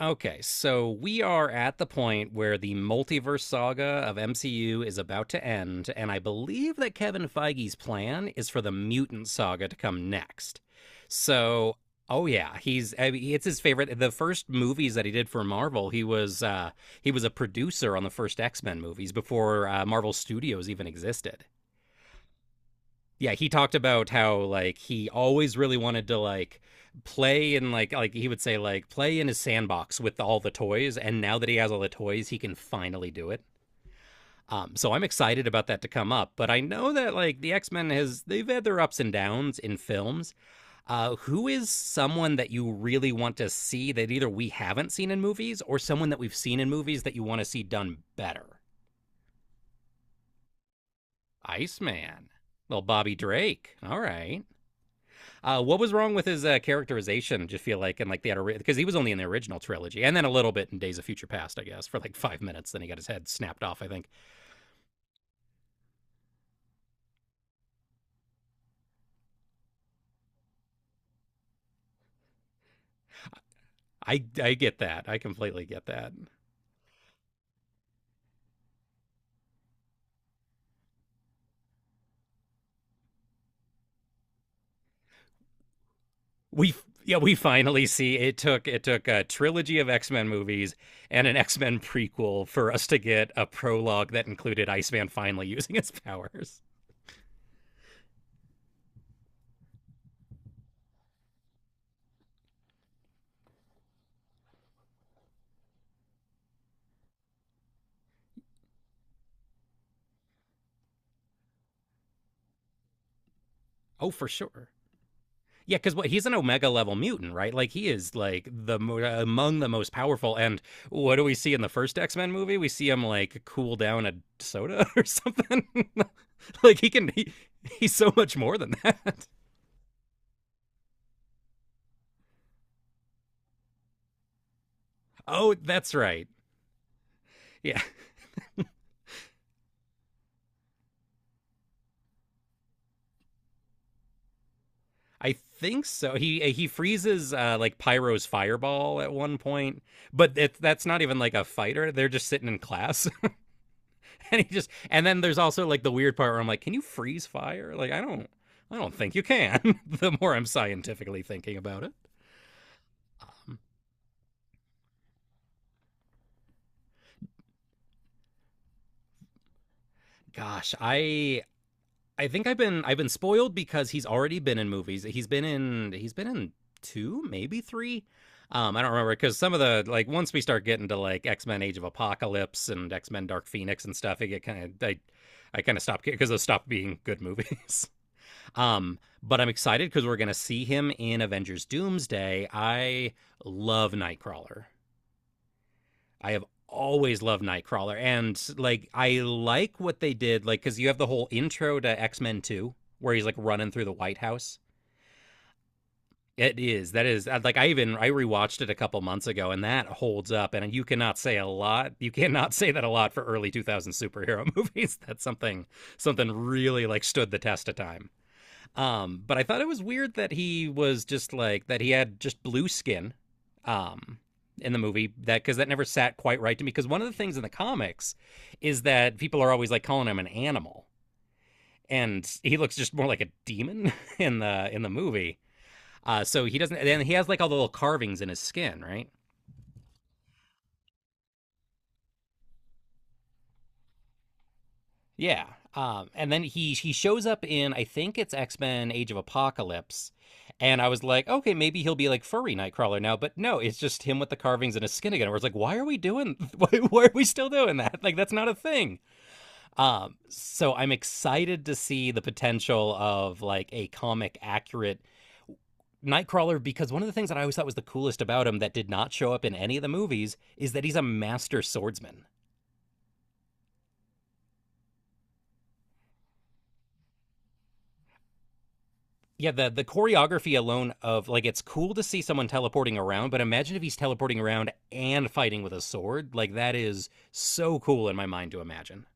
Okay, so we are at the point where the multiverse saga of MCU is about to end, and I believe that Kevin Feige's plan is for the mutant saga to come next. So, oh yeah, he's I mean, it's his favorite. The first movies that he did for Marvel, he was a producer on the first X Men movies before Marvel Studios even existed. Yeah, he talked about how, like, he always really wanted to, like, play in, like he would say, like, play in his sandbox with all the toys, and now that he has all the toys he can finally do it. So I'm excited about that to come up, but I know that, like, the x-men has they've had their ups and downs in films. Who is someone that you really want to see that either we haven't seen in movies, or someone that we've seen in movies that you want to see done better? Iceman. Little Bobby Drake, all right. What was wrong with his characterization? Do you feel like, and, like, the because he was only in the original trilogy, and then a little bit in Days of Future Past, I guess, for like 5 minutes. Then he got his head snapped off, I think. I get that. I completely get that. We Yeah, we finally see, it took a trilogy of X Men movies and an X Men prequel for us to get a prologue that included Iceman finally using his powers. Oh, for sure. Yeah, because what he's an Omega level mutant, right? Like, he is like the among the most powerful. And what do we see in the first X Men movie? We see him like cool down a soda or something. like he can, he, he's so much more than that. Oh, that's right. Yeah, I think so. He freezes like Pyro's fireball at one point, but that's not even like a fighter. They're just sitting in class. and he just and then there's also, like, the weird part where I'm like, can you freeze fire? Like, I don't think you can. The more I'm scientifically thinking about it. Gosh, I think I've been spoiled because he's already been in movies. He's been in two, maybe three. I don't remember because some of the like once we start getting to, like, X Men Age of Apocalypse and X Men Dark Phoenix and stuff, it get kind of I kind of stopped because those stopped being good movies. But I'm excited because we're gonna see him in Avengers Doomsday. I love Nightcrawler. I have always loved Nightcrawler, and, like, I like what they did, like, because you have the whole intro to X Men Two where he's, like, running through the White House. It is That is, like, I even I rewatched it a couple months ago, and that holds up. And you cannot say a lot. You cannot say that a lot for early 2000s superhero movies. That's something really, like, stood the test of time. But I thought it was weird that he was just, like, that he had just blue skin um in the movie, that cuz that never sat quite right to me, because one of the things in the comics is that people are always, like, calling him an animal, and he looks just more like a demon in the movie. So he doesn't, and he has, like, all the little carvings in his skin, right? Yeah. And then he shows up in, I think, it's X Men Age of Apocalypse, and I was like, okay, maybe he'll be like furry Nightcrawler now, but no, it's just him with the carvings and his skin again. Where it's like, why are we doing? Why are we still doing that? Like, that's not a thing. So I'm excited to see the potential of, like, a comic accurate Nightcrawler because one of the things that I always thought was the coolest about him that did not show up in any of the movies is that he's a master swordsman. Yeah, the choreography alone of, like, it's cool to see someone teleporting around, but imagine if he's teleporting around and fighting with a sword. Like, that is so cool in my mind to imagine.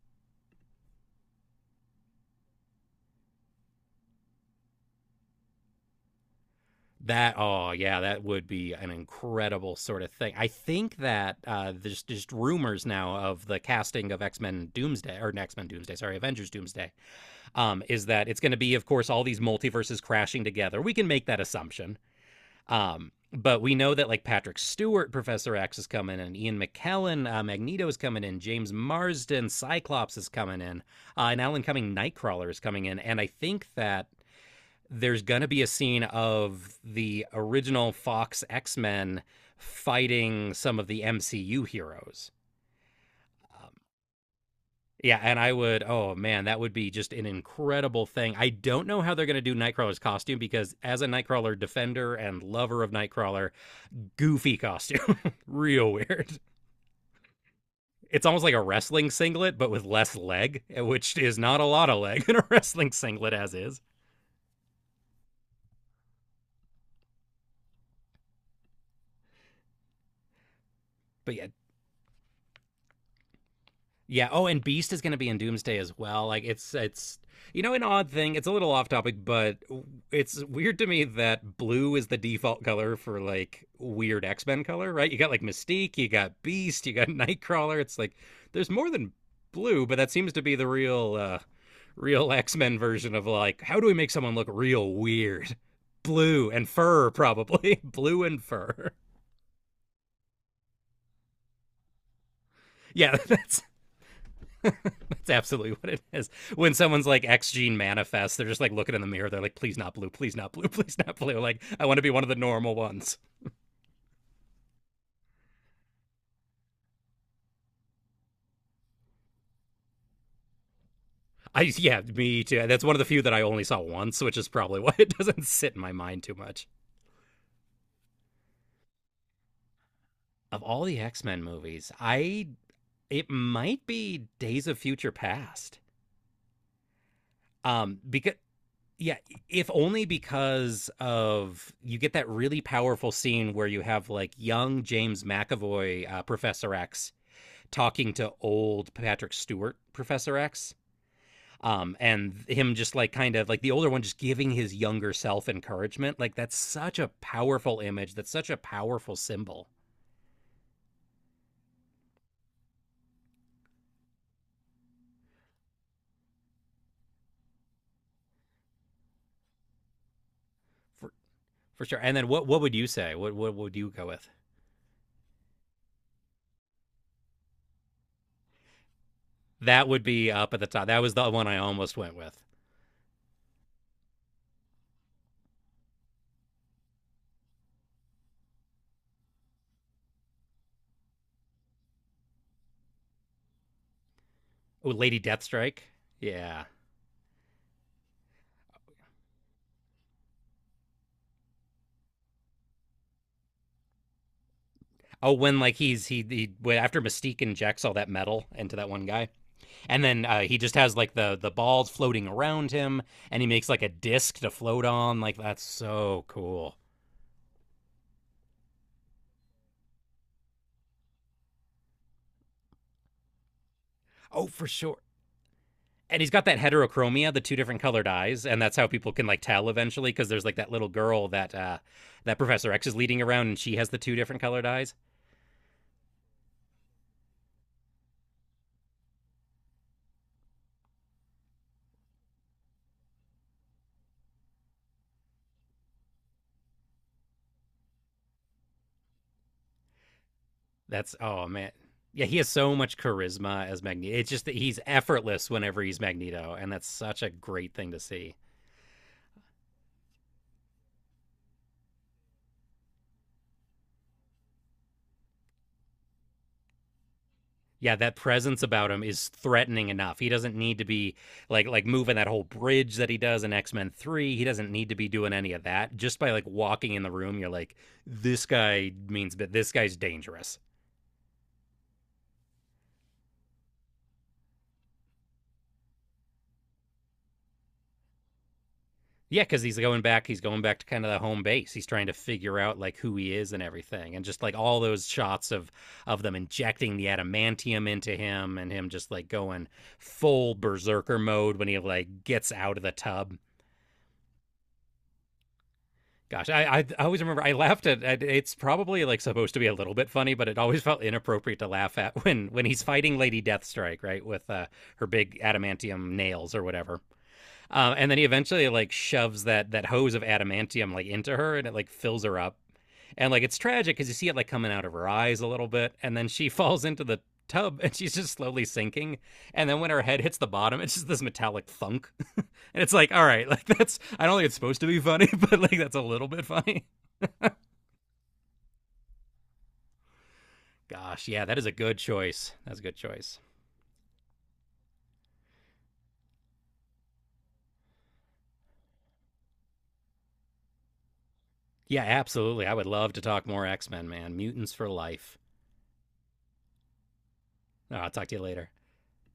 That Oh yeah, that would be an incredible sort of thing. I think that there's just rumors now of the casting of X Men Doomsday, or X Men Doomsday, sorry, Avengers Doomsday. Is that it's going to be, of course, all these multiverses crashing together. We can make that assumption. But we know that, like, Patrick Stewart, Professor X, is coming in, Ian McKellen, Magneto, is coming in, James Marsden, Cyclops, is coming in, and Alan Cumming, Nightcrawler, is coming in, and I think that there's gonna be a scene of the original Fox X Men fighting some of the MCU heroes. Um, yeah, and I would, oh man, that would be just an incredible thing. I don't know how they're going to do Nightcrawler's costume because, as a Nightcrawler defender and lover of Nightcrawler, goofy costume. Real weird. It's almost like a wrestling singlet, but with less leg, which is not a lot of leg in a wrestling singlet as is. But yeah. Yeah. Oh, and Beast is going to be in Doomsday as well. Like, it's an odd thing. It's a little off topic, but it's weird to me that blue is the default color for, like, weird X Men color, right? You got, like, Mystique, you got Beast, you got Nightcrawler. It's like, there's more than blue, but that seems to be the real real X Men version of, like, how do we make someone look real weird? Blue and fur, probably, blue and fur. Yeah, that's that's absolutely what it is. When someone's, like, X gene manifests, they're just, like, looking in the mirror. They're like, please not blue, please not blue. Like, I want to be one of the normal ones. I Yeah, me too. That's one of the few that I only saw once, which is probably why it doesn't sit in my mind too much. Of all the X Men movies, I it might be Days of Future Past. Because, yeah, if only because of, you get that really powerful scene where you have, like, young James McAvoy, Professor X, talking to old Patrick Stewart, Professor X. And him just, like, kind of, like, the older one just giving his younger self encouragement. Like, that's such a powerful image. That's such a powerful symbol for for sure. And then what would you say? What would you go with? That would be up at the top. That was the one I almost went with. Oh, Lady Deathstrike. Yeah. Oh, when, like, he's he after Mystique injects all that metal into that one guy. And then he just has, like, the balls floating around him, and he makes like a disc to float on. Like, that's so cool. Oh, for sure. And he's got that heterochromia, the two different colored eyes, and that's how people can, like, tell eventually, because there's, like, that little girl that Professor X is leading around, and she has the two different colored eyes. That's Oh man, yeah. He has so much charisma as Magneto. It's just that he's effortless whenever he's Magneto, and that's such a great thing to see. Yeah, that presence about him is threatening enough. He doesn't need to be like moving that whole bridge that he does in X-Men 3. He doesn't need to be doing any of that. Just by, like, walking in the room, you're like, this guy means, but this guy's dangerous. Yeah, cuz he's going back to kind of the home base. He's trying to figure out, like, who he is and everything. And just, like, all those shots of them injecting the adamantium into him and him just, like, going full berserker mode when he, like, gets out of the tub. Gosh, I always remember I laughed at it's probably, like, supposed to be a little bit funny, but it always felt inappropriate to laugh at when he's fighting Lady Deathstrike, right, with her big adamantium nails or whatever. And then he eventually, like, shoves that hose of adamantium, like, into her, and it like fills her up. And, like, it's tragic because you see it like coming out of her eyes a little bit, and then she falls into the tub, and she's just slowly sinking. And then when her head hits the bottom, it's just this metallic thunk. And it's like, all right, like, that's I don't think it's supposed to be funny, but like, that's a little bit funny. Gosh, yeah, that is a good choice. That's a good choice. Yeah, absolutely. I would love to talk more X Men, man. Mutants for life. Oh, I'll talk to you later.